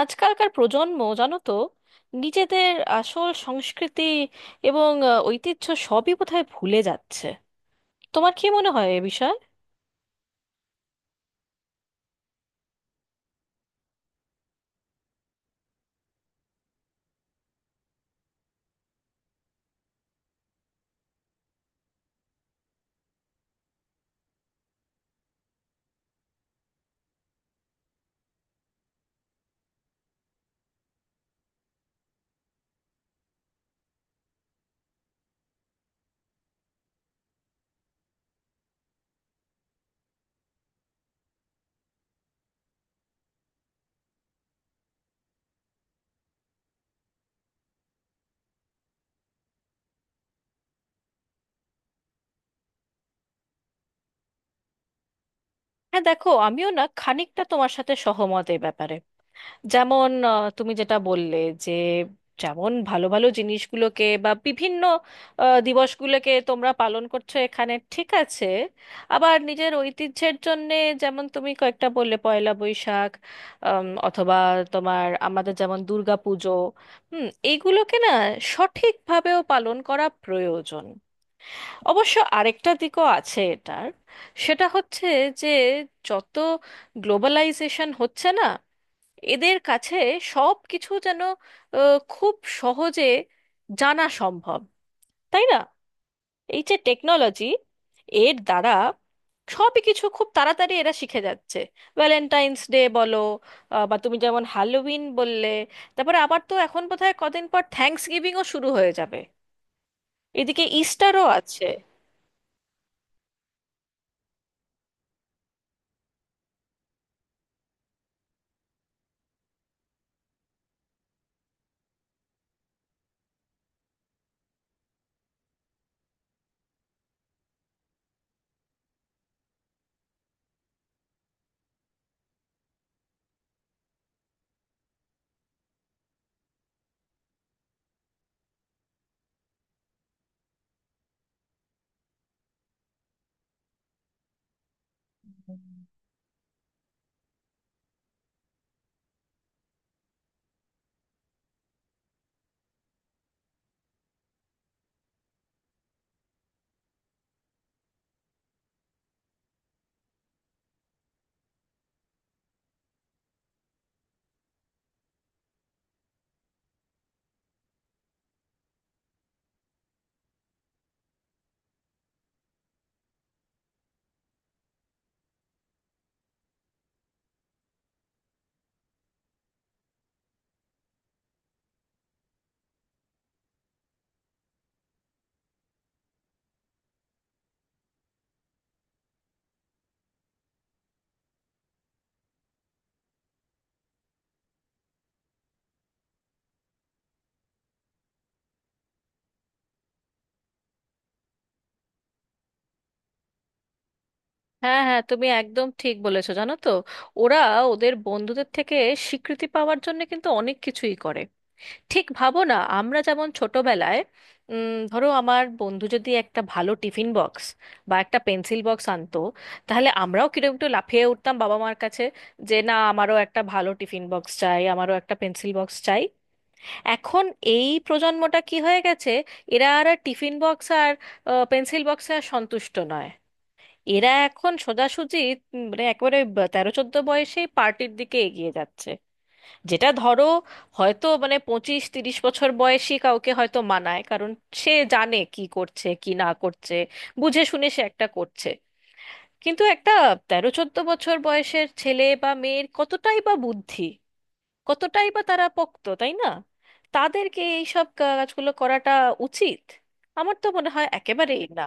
আজকালকার প্রজন্ম জানো তো, নিজেদের আসল সংস্কৃতি এবং ঐতিহ্য সবই বোধহয় ভুলে যাচ্ছে। তোমার কি মনে হয় এ বিষয়ে? হ্যাঁ দেখো, আমিও না খানিকটা তোমার সাথে সহমত এ ব্যাপারে। যেমন তুমি যেটা বললে যে, যেমন ভালো ভালো জিনিসগুলোকে বা বিভিন্ন দিবসগুলোকে তোমরা পালন করছো, এখানে ঠিক আছে। আবার নিজের ঐতিহ্যের জন্যে যেমন তুমি কয়েকটা বললে পয়লা বৈশাখ, অথবা তোমার আমাদের যেমন দুর্গা পুজো, এইগুলোকে না সঠিকভাবেও পালন করা প্রয়োজন। অবশ্য আরেকটা দিকও আছে এটার। সেটা হচ্ছে যে, যত গ্লোবালাইজেশন হচ্ছে না, এদের কাছে সব কিছু যেন খুব সহজে জানা সম্ভব, তাই না? এই যে টেকনোলজি, এর দ্বারা সবই কিছু খুব তাড়াতাড়ি এরা শিখে যাচ্ছে। ভ্যালেন্টাইন্স ডে বলো, বা তুমি যেমন হ্যালোউইন বললে, তারপরে আবার তো এখন বোধহয় কদিন পর থ্যাঙ্কস গিভিংও শুরু হয়ে যাবে। এদিকে ইস্টারও আছে। হ্যাঁ, হ্যাঁ, তুমি একদম ঠিক বলেছো জানো তো। ওরা ওদের বন্ধুদের থেকে স্বীকৃতি পাওয়ার জন্য কিন্তু অনেক কিছুই করে। ঠিক ভাবো না, আমরা যেমন ছোটবেলায় ধরো আমার বন্ধু যদি একটা ভালো টিফিন বক্স বা একটা পেন্সিল বক্স আনতো, তাহলে আমরাও কিরকম একটু লাফিয়ে উঠতাম বাবা মার কাছে যে না, আমারও একটা ভালো টিফিন বক্স চাই, আমারও একটা পেন্সিল বক্স চাই। এখন এই প্রজন্মটা কি হয়ে গেছে, এরা আর টিফিন বক্স আর পেন্সিল বক্সে আর সন্তুষ্ট নয়। এরা এখন সোজাসুজি মানে একেবারে 13-14 বয়সেই পার্টির দিকে এগিয়ে যাচ্ছে। যেটা ধরো, হয়তো মানে 25-30 বছর বয়সী কাউকে হয়তো মানায়, কারণ সে জানে কি করছে কি না করছে, বুঝে শুনে সে একটা করছে। কিন্তু একটা 13-14 বছর বয়সের ছেলে বা মেয়ের কতটাই বা বুদ্ধি, কতটাই বা তারা পোক্ত, তাই না? তাদেরকে এইসব কাজগুলো করাটা উচিত? আমার তো মনে হয় একেবারেই না।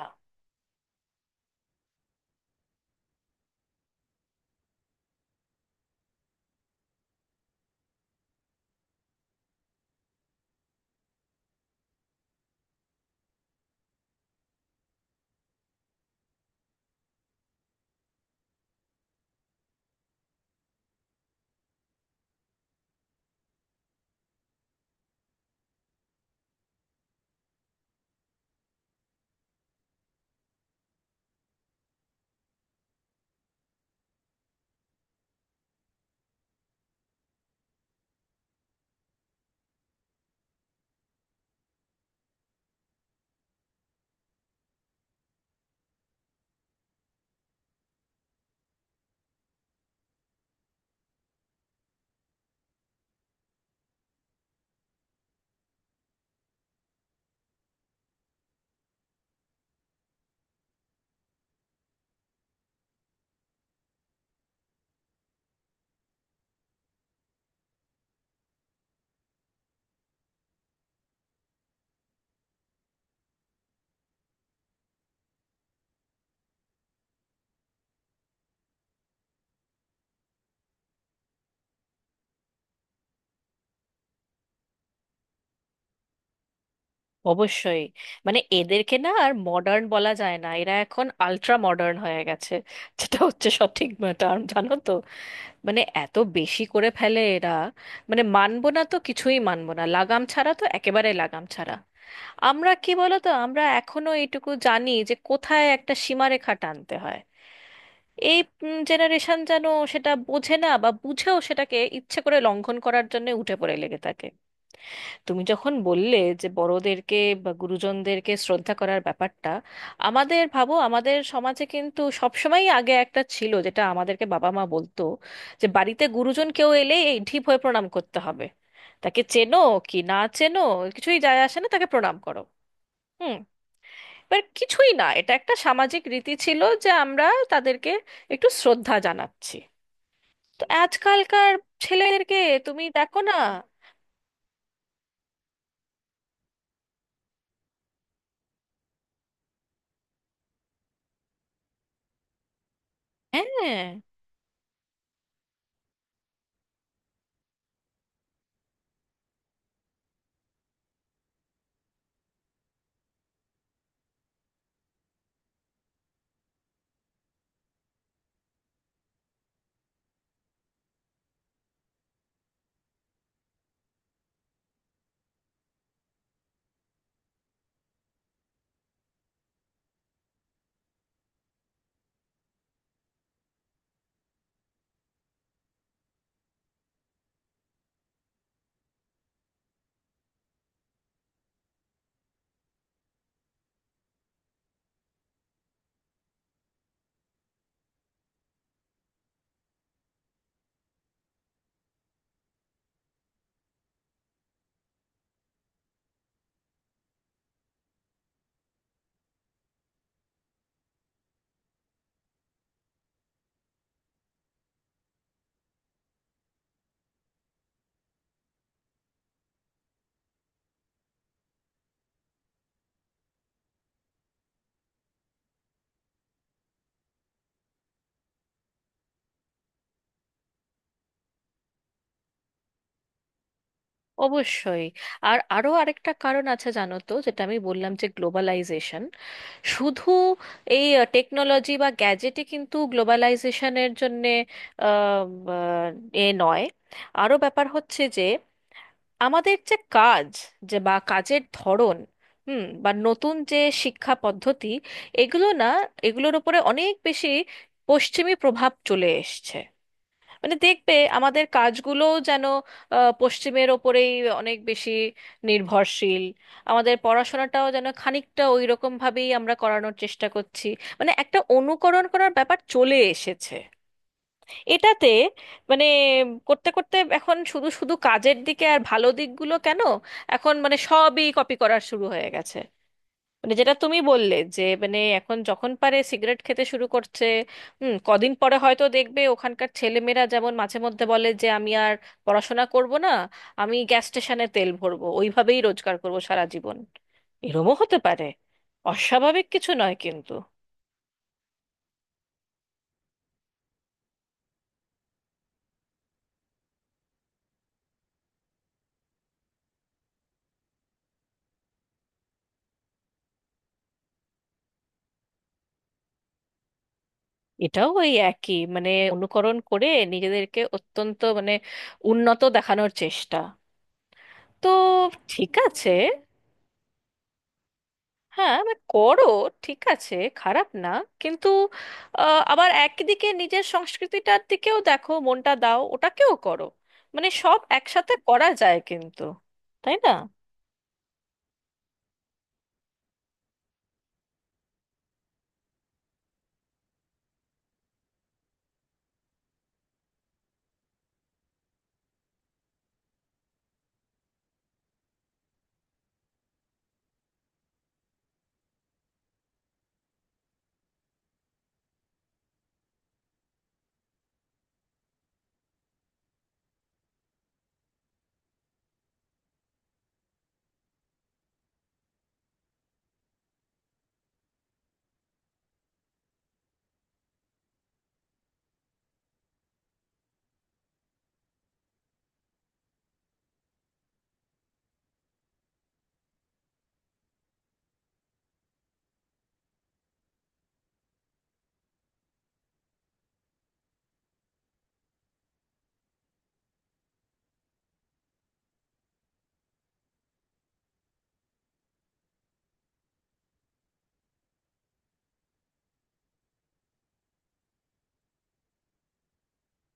অবশ্যই, মানে এদেরকে না আর মডার্ন বলা যায় না, এরা এখন আল্ট্রা মডার্ন হয়ে গেছে, যেটা হচ্ছে সঠিক টার্ম জানো তো। মানে এত বেশি করে ফেলে এরা, মানে মানবো না তো কিছুই মানবো না, লাগাম ছাড়া তো একেবারে লাগাম ছাড়া। আমরা কি বলতো, আমরা এখনো এইটুকু জানি যে কোথায় একটা সীমারেখা টানতে হয়। এই জেনারেশন যেন সেটা বোঝে না, বা বুঝেও সেটাকে ইচ্ছে করে লঙ্ঘন করার জন্য উঠে পড়ে লেগে থাকে। তুমি যখন বললে যে বড়দেরকে বা গুরুজনদেরকে শ্রদ্ধা করার ব্যাপারটা, আমাদের ভাবো আমাদের সমাজে কিন্তু সবসময়ই আগে একটা ছিল, যেটা আমাদেরকে বাবা মা বলতো যে বাড়িতে গুরুজন কেউ এলে এই ঢিপ হয়ে প্রণাম করতে হবে। তাকে চেনো কি না চেনো কিছুই যায় আসে না, তাকে প্রণাম করো। হুম বাট কিছুই না, এটা একটা সামাজিক রীতি ছিল যে আমরা তাদেরকে একটু শ্রদ্ধা জানাচ্ছি। তো আজকালকার ছেলেদেরকে তুমি দেখো না। হ্যাঁ, অবশ্যই। আর আরো আরেকটা কারণ আছে জানো তো, যেটা আমি বললাম যে গ্লোবালাইজেশন। শুধু এই টেকনোলজি বা গ্যাজেটে কিন্তু গ্লোবালাইজেশনের জন্যে আহ, আহ, এ নয়, আরো ব্যাপার হচ্ছে যে আমাদের যে কাজ যে বা কাজের ধরন, বা নতুন যে শিক্ষা পদ্ধতি, এগুলো না এগুলোর উপরে অনেক বেশি পশ্চিমী প্রভাব চলে এসছে। মানে দেখবে আমাদের কাজগুলো যেন পশ্চিমের ওপরেই অনেক বেশি নির্ভরশীল। আমাদের পড়াশোনাটাও যেন খানিকটা ওই রকম ভাবেই আমরা করানোর চেষ্টা করছি, মানে একটা অনুকরণ করার ব্যাপার চলে এসেছে এটাতে। মানে করতে করতে এখন শুধু শুধু কাজের দিকে আর ভালো দিকগুলো কেন, এখন মানে সবই কপি করার শুরু হয়ে গেছে। মানে যেটা তুমি বললে যে, মানে এখন যখন পারে সিগারেট খেতে শুরু করছে। কদিন পরে হয়তো দেখবে ওখানকার ছেলেমেয়েরা যেমন মাঝে মধ্যে বলে যে আমি আর পড়াশোনা করব না, আমি গ্যাস স্টেশনে তেল ভরবো, ওইভাবেই রোজগার করব সারা জীবন। এরমও হতে পারে, অস্বাভাবিক কিছু নয় কিন্তু। এটাও ওই একই, মানে অনুকরণ করে নিজেদেরকে অত্যন্ত মানে উন্নত দেখানোর চেষ্টা। তো ঠিক আছে, হ্যাঁ মানে করো, ঠিক আছে, খারাপ না। কিন্তু আবার একদিকে নিজের সংস্কৃতিটার দিকেও দেখো, মনটা দাও, ওটাকেও করো, মানে সব একসাথে করা যায় কিন্তু, তাই না?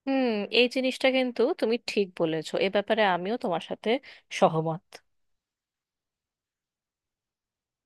হুম এই জিনিসটা কিন্তু তুমি ঠিক বলেছো, এ ব্যাপারে আমিও তোমার সাথে সহমত।